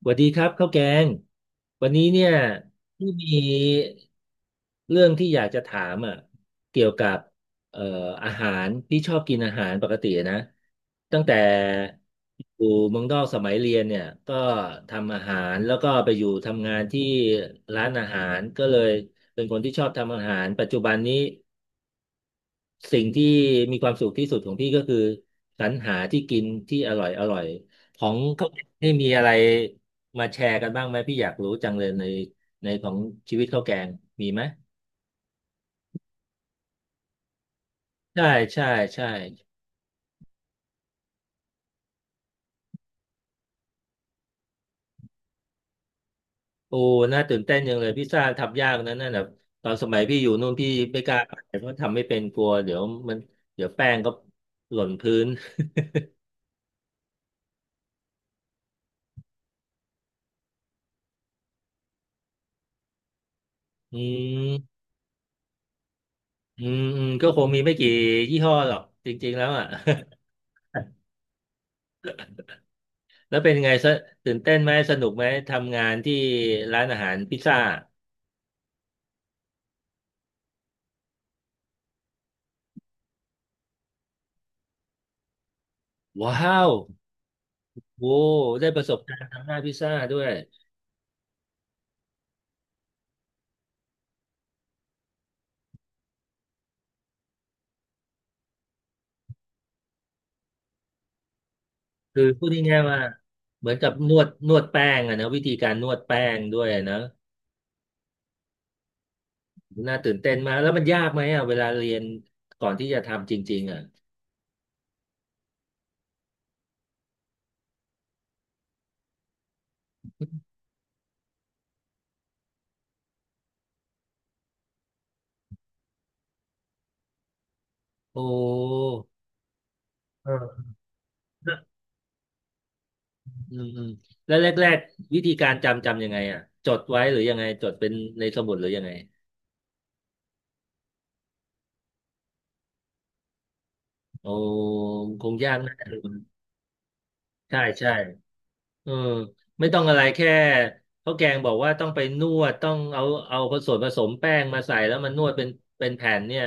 สวัสดีครับข้าวแกงวันนี้เนี่ยที่มีเรื่องที่อยากจะถามอ่ะเกี่ยวกับเอ่ออาหารที่ชอบกินอาหารปกตินะตั้งแต่อยู่เมืองนอกสมัยเรียนเนี่ยก็ทำอาหารแล้วก็ไปอยู่ทำงานที่ร้านอาหารก็เลยเป็นคนที่ชอบทำอาหารปัจจุบันนี้ สิ่งที่มีความสุขที่สุดของพี่ก็คือสรรหาที่กินที่อร่อยอร่อยของเขานี่มีอะไรมาแชร์กันบ้างไหมพี่อยากรู้จังเลยในในของชีวิตข้าวแกงมีไหมใช่ใช่ใช่โอ้น่าตื่นเต้นจังเลยพิซซ่าทำยากนะนั่นแบบตอนสมัยพี่อยู่นู่นพี่ไม่กล้าไปเพราะทำไม่เป็นกลัวเดี๋ยวมันเดี๋ยวแป้งก็หล่นพื้น อืมอืมก็คงมีไม่กี่ยี่ห้อหรอกจริงๆแล้วอ่ะ แล้วเป็นไงสตื่นเต้นไหมสนุกไหมทำงานที่ร้านอาหารพิซซ่าว้าวโอ้ได้ประสบการณ์ทำหน้าพิซซ่าด้วยคือพูดง่ายๆว่าเหมือนกับนวดนวดแป้งอะนะวิธีการนวดแป้งด้วยนะน่าตื่นเต้นมากแล้วมันยากไหมอะเวลาเรียนก่อนที่จะทำจริงๆอะโอ้เอออืมอืมแล้วแรกๆวิธีการจำจำยังไงอะจดไว้หรือยังไงจดเป็นในสมุดหรือยังไงโอ้คงยากนะใช่ใช่ เออไม่ต้องอะไรแค่ข้าวแกงบอกว่าต้องไปนวดต้องเอาเอาผสมผสมแป้งมาใส่แล้วมันนวดเป็นเป็นแผ่นเนี่ย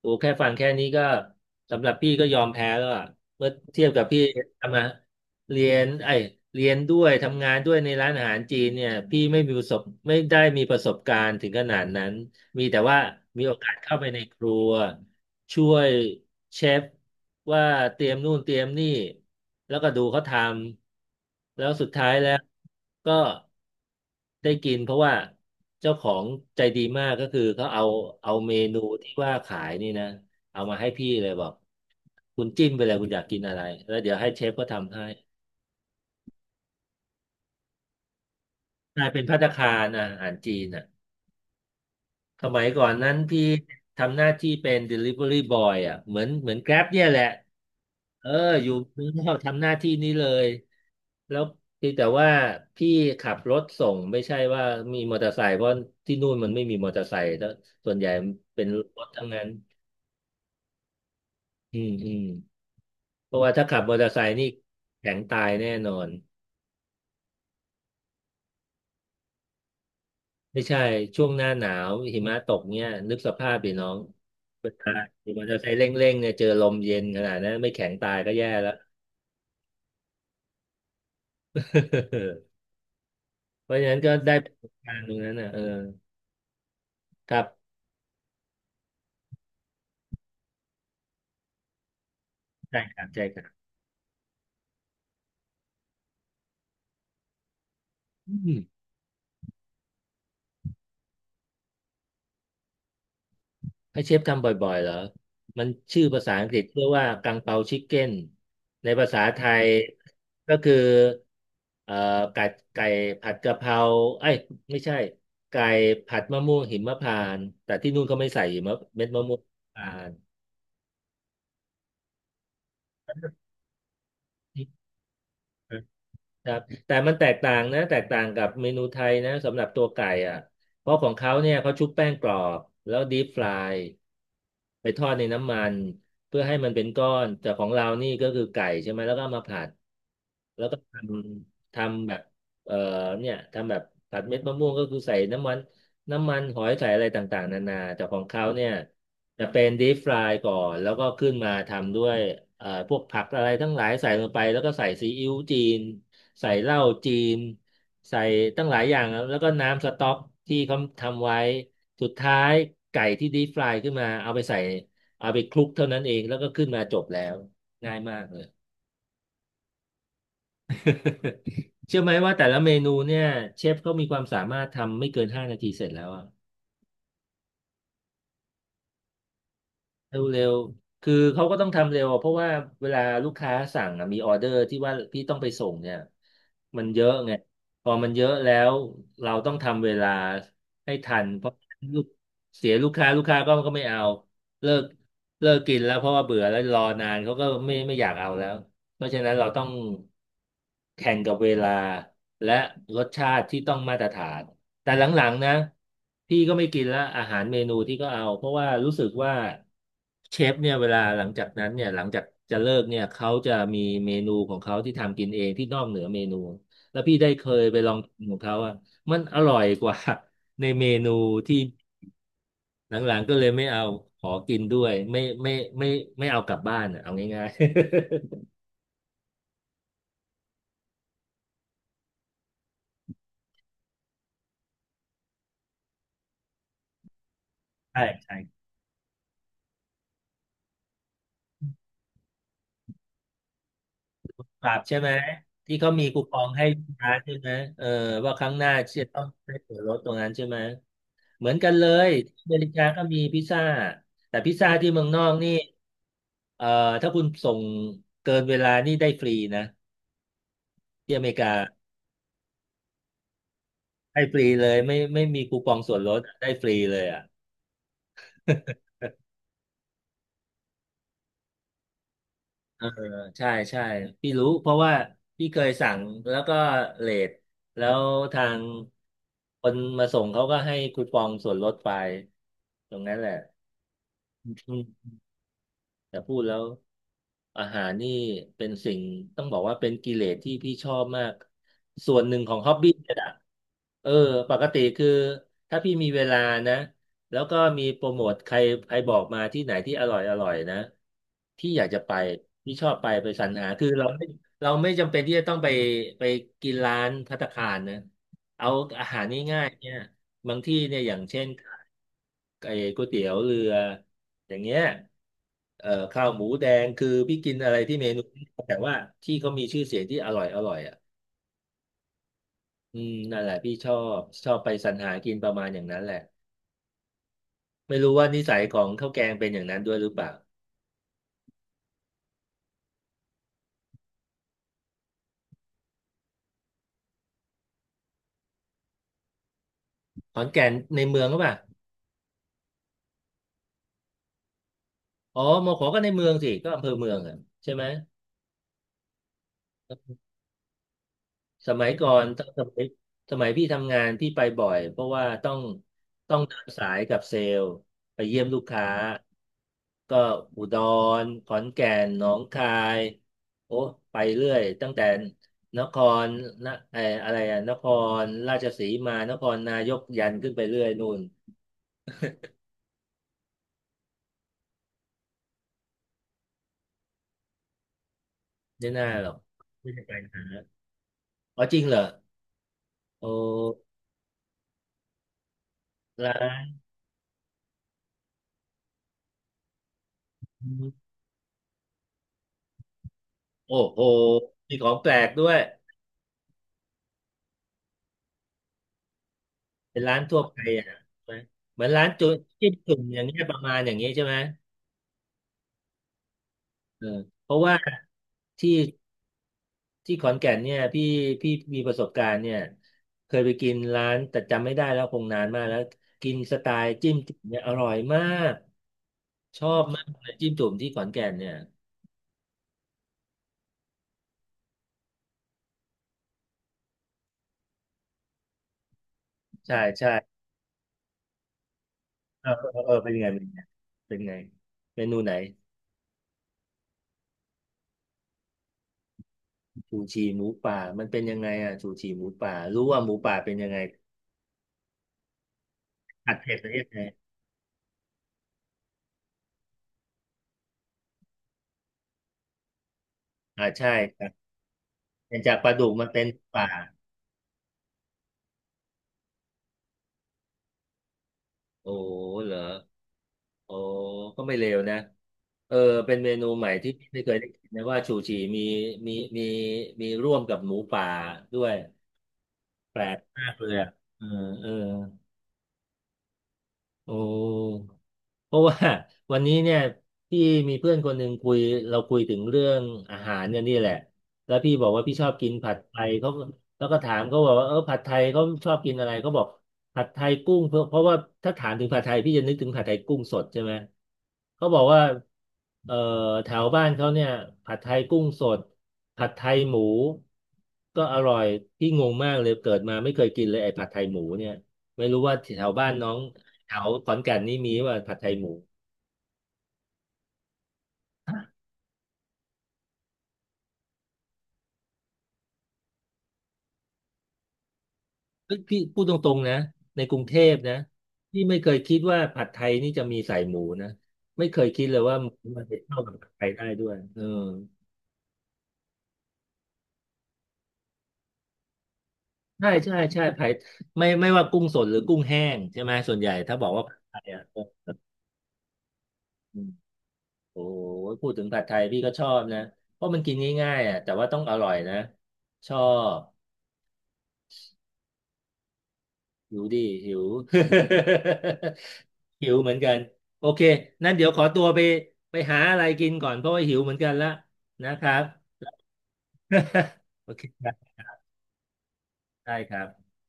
โอ้แค่ฟังแค่นี้ก็สำหรับพี่ก็ยอมแพ้แล้วอะเมื่อเทียบกับพี่ทำมาเรียนไอยเรียนด้วยทำงานด้วยในร้านอาหารจีนเนี่ยพี่ไม่มีประสบไม่ได้มีประสบการณ์ถึงขนาดนั้นมีแต่ว่ามีโอกาสเข้าไปในครัว ช่วยเชฟว่าเตรียมนู่นเตรียมนี่แล้วก็ดูเขาทำแล้วสุดท้ายแล้วก็ได้กินเพราะว่าเจ้าของใจดีมากก็คือเขาเอาเอาเมนูที่ว่าขายนี่นะเอามาให้พี่เลยบอกคุณจิ้มไปเลยคุณอยากกินอะไรแล้วเดี๋ยวให้เชฟเขาทำให้กลายเป็นภัตตาคารอาหารจีนอ่ะ สมัยก่อนนั้นพี่ทำหน้าที่เป็น Delivery Boy อ่ะเหมือน Grab เนี่ยแหละเอออยู่เมืองนอกทำหน้าที่นี้เลยแล้วเพียงแต่ว่าพี่ขับรถส่งไม่ใช่ว่ามีมอเตอร์ไซค์เพราะที่นู่นมันไม่มีมอเตอร์ไซค์แล้วส่วนใหญ่เป็นรถทั้งนั้นอืมอืมเพราะว่าถ้าขับมอเตอร์ไซค์นี่แข็งตายแน่นอน ไม่ใช่ช่วงหน้าหนาวหิมะตกเนี่ยนึกสภาพดิน้องเวลาขี่มอเตอร์ไซค์เร่งๆเนี่ยเจอลมเย็นขนาดนั้นไม่แข็งตายก็แย่แล้ว เพราะฉะนั้นก็ได้ประสบการณ์ตรงนั้นนะเออครับใช่ครับอืม ให้เชฟทำบ่อยๆเหรอ มันชื่อภาษาอังกฤษเรียกว่ากังเปาชิคเก้น ในภาษาไทยก็คือเอ่อไก่ไก่ผัดกะเพราเอ้ยไม่ใช่ไก่ผัดมะม่วงหิมพานต์แต่ที่นู่นเขาไม่ใส่หิมะเม็ดมะม่วงหิมพานต์ ครับแต่มันแตกต่างนะแตกต่างกับเมนูไทยนะสำหรับตัวไก่อ่ะเพราะของเขาเนี่ยเขาชุบแป้งกรอบแล้วดีฟรายไปทอดในน้ำมันเพื่อให้มันเป็นก้อนแต่ของเรานี่ก็คือไก่ใช่ไหมแล้วก็เอามาผัด อืมทำแบบเอ่อเนี่ยทำแบบผัดเม็ดมะม่วงก็คือใส่น้ำมันน้ำมันหอยใส่อะไรต่างๆนานาแต่ของเขาเนี่ยจะเป็นดีฟรายก่อนแล้วก็ขึ้นมาทำด้วยพวกผักอะไรทั้งหลายใส่ลงไปแล้วก็ใส่ซีอิ๊วจีนใส่เหล้าจีนใส่ตั้งหลายอย่างแล้วก็น้ำสต๊อกที่เขาทำไว้สุดท้ายไก่ที่ดีฟรายขึ้นมาเอาไปใส่เอาไปคลุกเท่านั้นเองแล้วก็ขึ้นมาจบแล้ว ง่ายมากเลย เชื่อไหมว่าแต่ละเมนูเนี่ยเชฟเขามีความสามารถทำไม่เกิน5 นาทีเสร็จแล้วอะเร็วเร็วคือเขาก็ต้องทำเร็วอะเพราะว่าเวลาลูกค้าสั่งอะมีออเดอร์ที่ว่าพี่ต้องไปส่งเนี่ยมันเยอะไงพอมันเยอะแล้วเราต้องทำเวลาให้ทันเพราะลูกเสียลูกค้าก็ไม่เอาเลิกเลิกกินแล้วเพราะว่าเบื่อแล้วรอนานเขาก็ไม่อยากเอาแล้วเพราะฉะนั้นเราต้องแข่งกับเวลาและรสชาติที่ต้องมาตรฐาน แต่หลังๆนะพี่ก็ไม่กินละอาหารเมนูที่ก็เอาเพราะว่ารู้สึกว่าเชฟเนี่ยเวลาหลังจากนั้นเนี่ยหลังจากจะเลิกเนี่ยเขาจะมีเมนูของเขาที่ทำกินเองที่นอกเหนือเมนูแล้วพี่ได้เคยไปลองกินของเขาอ่ะมันอร่อยกว่า ในเมนูที่หลังๆก็เลยไม่เอาขอกินด้วยไม่ไม่ไม่เอากลับบ้านอะเอาง่ายๆ ใช่ใช่ ครับใช่ไหมที่เขามีคูปองให้ลูกค้าใช่ไหมเออว่าครั้งหน้าจะต้องได้ส่วนลดตรงนั้นใช่ไหมเหมือนกันเลยที่อเมริกาก็มีพิซซ่าแต่พิซซ่าที่เมืองนอกนี่เอ่อถ้าคุณส่งเกินเวลานี่ได้ฟรีนะที่อเมริกาให้ฟรีเลยไม่มีคูปองส่วนลดได้ฟรีเลยอ่ะ เออใช่ใช่พี่รู้เพราะว่าพี่เคยสั่งแล้วก็เลทแล้วทางคนมาส่งเขาก็ให้คูปองส่วนลดไปตรงนั้นแหละอืมแต่พูดแล้ว อาหารนี่เป็นสิ่งต้องบอกว่าเป็นกิเลสที่พี่ชอบมากส่วนหนึ่งของฮ็อบบี้เลยอะเออปกติคือถ้าพี่มีเวลานะแล้วก็มีโปรโมทใครใครบอกมาที่ไหนที่อร่อยอร่อยนะพี่อยากจะไปพี่ชอบไปสรรหาคือเราไม่เราไม่จำเป็นที่จะต้องไปไปกินร้านภัตตาคารนะเอาอาหารง่ายๆเนี่ยบางที่เนี่ยอย่างเช่นไอ้ก๋วยเตี๋ยวเรือ อย่างเงี้ยข้าวหมูแดงคือพี่กินอะไรที่เมนูนี้แต่ว่าที่เขามีชื่อเสียงที่อร่อยอร่อยอ่ะอืมนั่นแหละพี่ชอบไปสรรหากินประมาณอย่างนั้นแหละไม่รู้ว่านิสัยของข้าวแกงเป็นอย่างนั้นด้วยหรือเปล่า ขอนแก่นในเมืองก็ปล่ะอ๋อมอขอก็ในเมืองสิก็อำเภอเมืองอ่ะใช่ไหม สมัยก่อนตอนสมัยพี่ทำงาน พี่ไปบ่อย เพราะว่าต้องเดินสายกับเซลล์ไปเยี่ยมลูกค้า ก็อุดรขอนแก่นหนองคายโอ้ไปเรื่อยตั้งแต่นครนะไอออะไรอะนครราชสีมานครนายกยันขึ้นไปเรื่อยนู่นไม่น่าหรอกไม่ได้ไปนะอ๋อจริงเหรอ โอ้ร้านโอ้โหมีของแปลกด้วย เป็นร้านทั่วไปอ่ะใช่ไหมเหมือนร้านจุจิ้มจุ่มอย่างเงี้ยประมาณอย่างเงี้ยใช่ไหมเออเพราะว่าที่ที่ขอนแก่นเนี่ยพี่มีประสบการณ์เนี่ยเคยไปกินร้านแต่จำไม่ได้แล้วคงนานมากแล้วกินสไตล์จิ้มจุ่มเนี่ยอร่อยมากชอบมากเลยจิ้มจุ่มที่ขอนแก่นเนี่ยใช่ใช่เออเออเออเป็นยังไงเป็นยังไงเป็นไงเมนูไหนชูชีหมูป่ามันเป็นยังไงอ่ะชูชีหมูป่ารู้ว่าหมูป่าเป็นยังไงผัดเผ็ดประเภทไหนอ่าใช่ เป็นจากปลาดุกมาเป็นป่าโอ้เหรอโอ้ก็ไม่เลวนะเออเป็นเมนูใหม่ที่ไม่เคยได้กินนะว่าชูชีมีมีร่วมกับหมูป่าด้วยแปลกมากเลยอ่ะเออเออโอ้ เพราะว่า วันนี้เนี่ยพี่มีเพื่อนคนหนึ่งคุยเราคุยถึงเรื่องอาหารเนี่ยนี่แหละแล้วพี่บอกว่าพี่ชอบกินผัดไทยเขาแล้วก็ถามเขาบอกว่าเออผัดไทยเขาชอบกินอะไรเขาบอกผัดไทยกุ้งเพราะว่าถ้าถามถึงผัดไทยพี่จะนึกถึงผัดไทยกุ้งสดใช่ไหมเขาบอกว่าเอ่อแถวบ้านเขาเนี่ยผัดไทยกุ้งสดผัดไทยหมูก็อร่อยพี่งงมากเลยเกิดมาไม่เคยกินเลยไอ้ผัดไทยหมูเนี่ยไม่รู้ว่าแถวบ้านน้อง แถวขอนแก่นนี่มีว่าผัดไทยหมูเอ้ยพี่พูดตรงๆนะในกรุงเทพนะพี่ไม่เคยคิดว่าผัดไทยนี่จะมีใส่หมูนะไม่เคยคิดเลยว่าหมูมันจะเข้ากับผัดไทยได้ด้วยเออใช่ใช่ใช่ไผัดไม่ว่ากุ้งสดหรือกุ้งแห้งใช่ไหมส่วนใหญ่ถ้าบอกว่าผัดไทยอ่ะเอออืมโอ้ยพูดถึงผัดไทยพี่ก็ชอบนะเพราะมันกินง่ายๆอ่ะแต่ว่าต้องอร่อยนะชอบ หิวดิหิว หิวเหมือนกันโอเคนั่นเดี๋ยวขอตัวไปไปหาอะไรกินก่อนเพราะว่าหิวเหมือนกันละนะครับ โอเคครับได้ครับ